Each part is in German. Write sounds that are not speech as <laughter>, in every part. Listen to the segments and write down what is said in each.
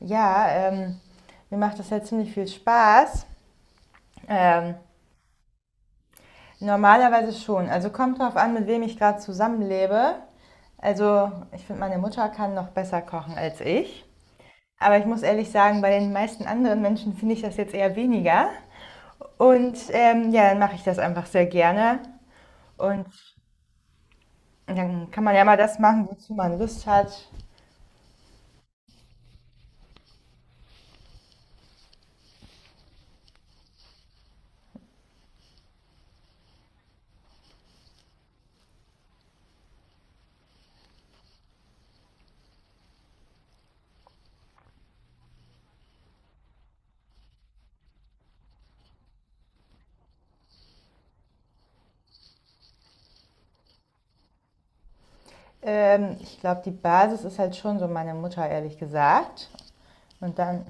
Ja, mir macht das ja ziemlich viel Spaß. Ähm, Normalerweise schon. Also kommt drauf an, mit wem ich gerade zusammenlebe. Also ich finde, meine Mutter kann noch besser kochen als ich. Aber ich muss ehrlich sagen, bei den meisten anderen Menschen finde ich das jetzt eher weniger. Und ja, dann mache ich das einfach sehr gerne. Und dann kann man ja mal das machen, wozu man Lust hat. Ich glaube, die Basis ist halt schon so meine Mutter, ehrlich gesagt. Und dann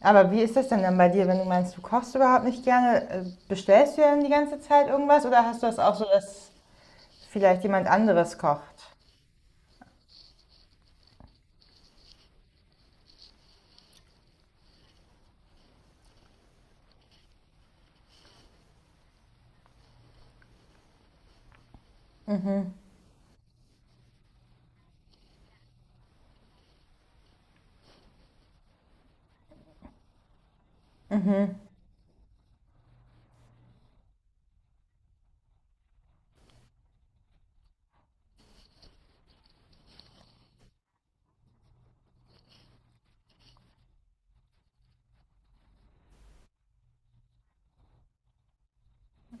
Aber wie ist das denn dann bei dir, wenn du meinst, du kochst überhaupt nicht gerne? Bestellst du dann die ganze Zeit irgendwas oder hast du das auch so, dass vielleicht jemand anderes kocht?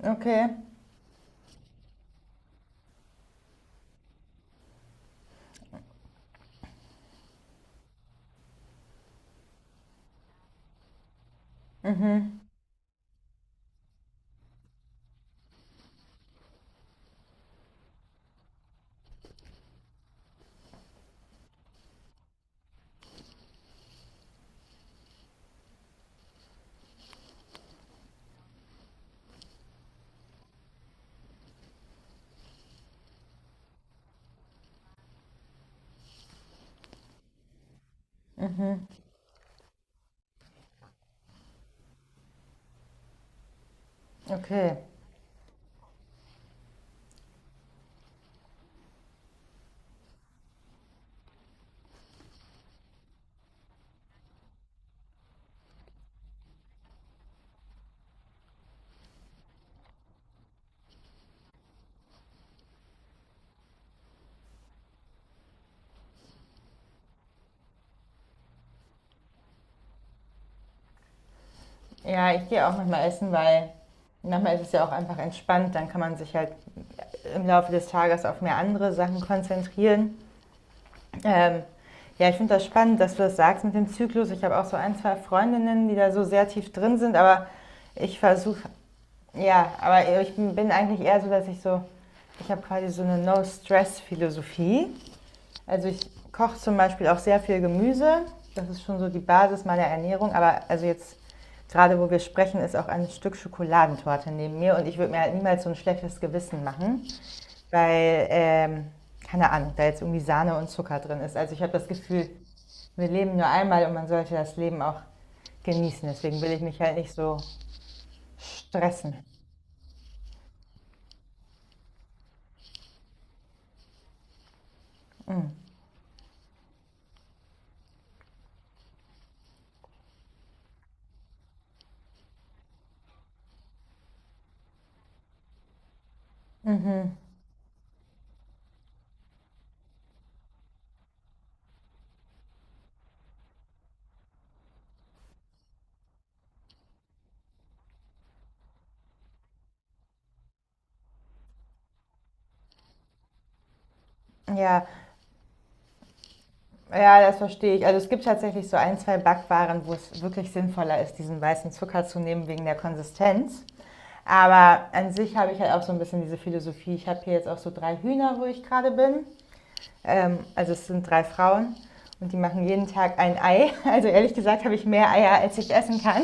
Okay, okay. Ja, ich gehe auch manchmal essen, weil manchmal ist es ja auch einfach entspannt. Dann kann man sich halt im Laufe des Tages auf mehr andere Sachen konzentrieren. Ähm, ja, ich finde das spannend, dass du das sagst mit dem Zyklus. Ich habe auch so ein, zwei Freundinnen, die da so sehr tief drin sind, aber ich versuche. Ja, aber ich bin eigentlich eher so, dass ich so, ich habe quasi so eine No-Stress-Philosophie. Also ich koche zum Beispiel auch sehr viel Gemüse. Das ist schon so die Basis meiner Ernährung. Aber also jetzt gerade, wo wir sprechen, ist auch ein Stück Schokoladentorte neben mir. Und ich würde mir halt niemals so ein schlechtes Gewissen machen, weil, keine Ahnung, da jetzt irgendwie Sahne und Zucker drin ist. Also ich habe das Gefühl, wir leben nur einmal und man sollte das Leben auch genießen. Deswegen will ich mich halt nicht so stressen. Mm. Mhm. Ja, ja, das verstehe ich. Also es gibt tatsächlich so ein, zwei Backwaren, wo es wirklich sinnvoller ist, diesen weißen Zucker zu nehmen wegen der Konsistenz. Aber an sich habe ich halt auch so ein bisschen diese Philosophie. Ich habe hier jetzt auch so drei Hühner, wo ich gerade bin. Also es sind drei Frauen und die machen jeden Tag ein Ei. <laughs> Also ehrlich gesagt habe ich mehr Eier, als ich essen kann.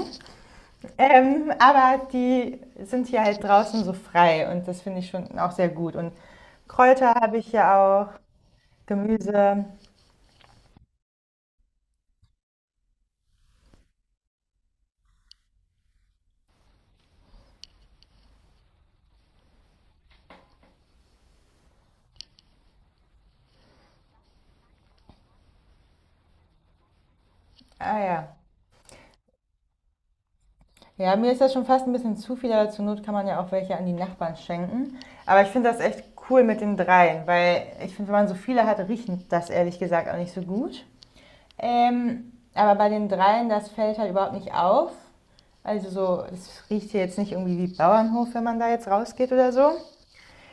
Aber die sind hier halt draußen so frei und das finde ich schon auch sehr gut. Und Kräuter habe ich ja auch, Gemüse. Ah ja, ja, mir ist das schon fast ein bisschen zu viel, aber zur Not kann man ja auch welche an die Nachbarn schenken. Aber ich finde das echt cool mit den dreien, weil ich finde, wenn man so viele hat, riechen das ehrlich gesagt auch nicht so gut. Aber bei den dreien, das fällt halt überhaupt nicht auf. Also so, es riecht hier jetzt nicht irgendwie wie Bauernhof, wenn man da jetzt rausgeht oder so.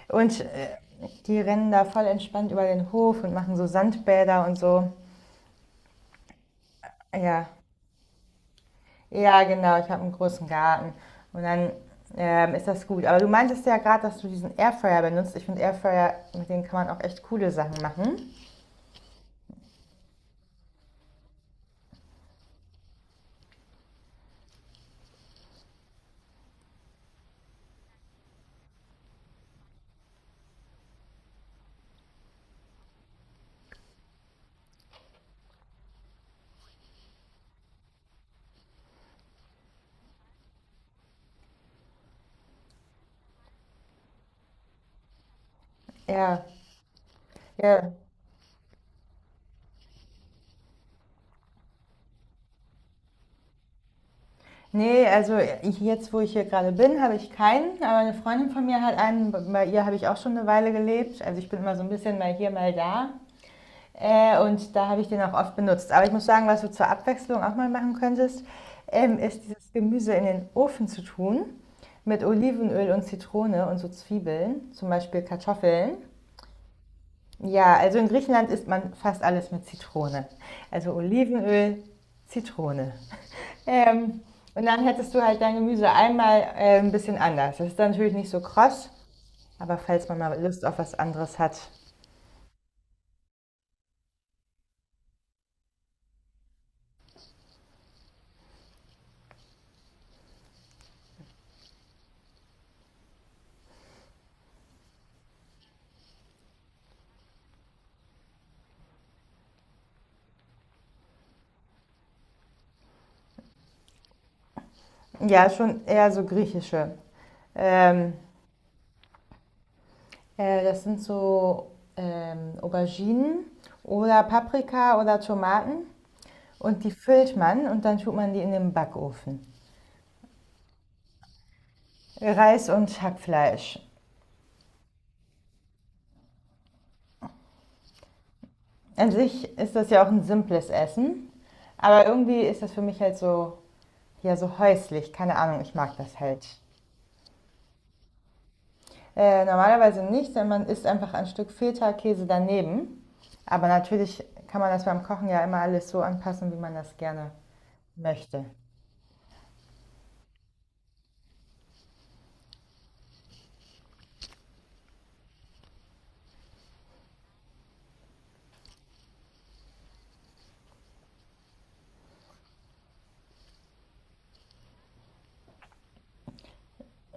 Und die rennen da voll entspannt über den Hof und machen so Sandbäder und so. Ja, ja, genau, ich habe einen großen Garten. Und dann ist das gut. Aber du meintest ja gerade, dass du diesen Airfryer benutzt. Ich finde Airfryer, mit denen kann man auch echt coole Sachen machen. Ja, ja. Nee, also ich, jetzt, wo ich hier gerade bin, habe ich keinen. Aber eine Freundin von mir hat einen. Bei ihr habe ich auch schon eine Weile gelebt. Also ich bin immer so ein bisschen mal hier, mal da. Und da habe ich den auch oft benutzt. Aber ich muss sagen, was du zur Abwechslung auch mal machen könntest, ist dieses Gemüse in den Ofen zu tun mit Olivenöl und Zitrone und so Zwiebeln, zum Beispiel Kartoffeln. Ja, also in Griechenland isst man fast alles mit Zitrone. Also Olivenöl, Zitrone. <laughs> Ähm, und dann hättest du halt dein Gemüse einmal ein bisschen anders. Das ist dann natürlich nicht so kross, aber falls man mal Lust auf was anderes hat. Ja, schon eher so griechische, ähm, äh, das sind so Auberginen oder Paprika oder Tomaten und die füllt man und dann tut man die in den Backofen. Reis und Hackfleisch. An sich ist das ja auch ein simples Essen, aber irgendwie ist das für mich halt so, ja, so häuslich. Keine Ahnung, ich mag das halt. Normalerweise nicht, denn man isst einfach ein Stück Feta-Käse daneben. Aber natürlich kann man das beim Kochen ja immer alles so anpassen, wie man das gerne möchte.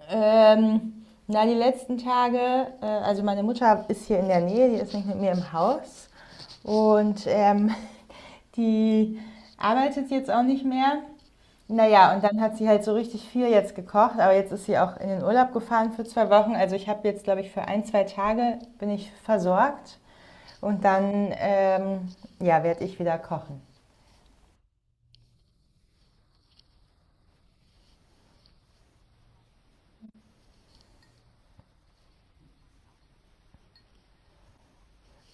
Na, die letzten Tage, also meine Mutter ist hier in der Nähe, die ist nicht mit mir im Haus. Und <laughs> die arbeitet jetzt auch nicht mehr. Naja, und dann hat sie halt so richtig viel jetzt gekocht, aber jetzt ist sie auch in den Urlaub gefahren für 2 Wochen. Also ich habe jetzt, glaube ich, für ein, zwei Tage bin ich versorgt und dann, ja, werde ich wieder kochen.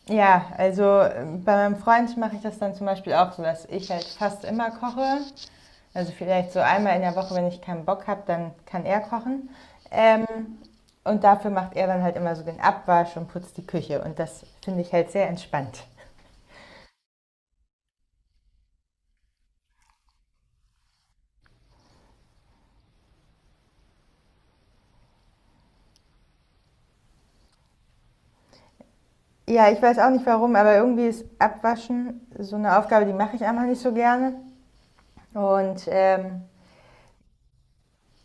Ja, also bei meinem Freund mache ich das dann zum Beispiel auch so, dass ich halt fast immer koche. Also vielleicht so einmal in der Woche, wenn ich keinen Bock habe, dann kann er kochen. Ähm, und dafür macht er dann halt immer so den Abwasch und putzt die Küche. Und das finde ich halt sehr entspannt. Ja, ich weiß auch nicht warum, aber irgendwie ist Abwaschen so eine Aufgabe, die mache ich einfach nicht so gerne. Und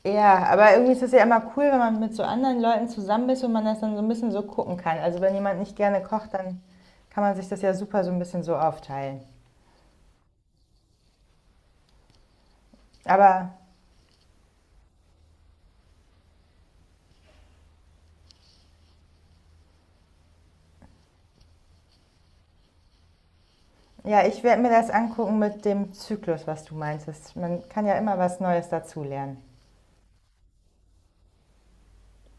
ja, aber irgendwie ist es ja immer cool, wenn man mit so anderen Leuten zusammen ist und man das dann so ein bisschen so gucken kann. Also wenn jemand nicht gerne kocht, dann kann man sich das ja super so ein bisschen so aufteilen. Aber ja, ich werde mir das angucken mit dem Zyklus, was du meinst. Man kann ja immer was Neues dazulernen.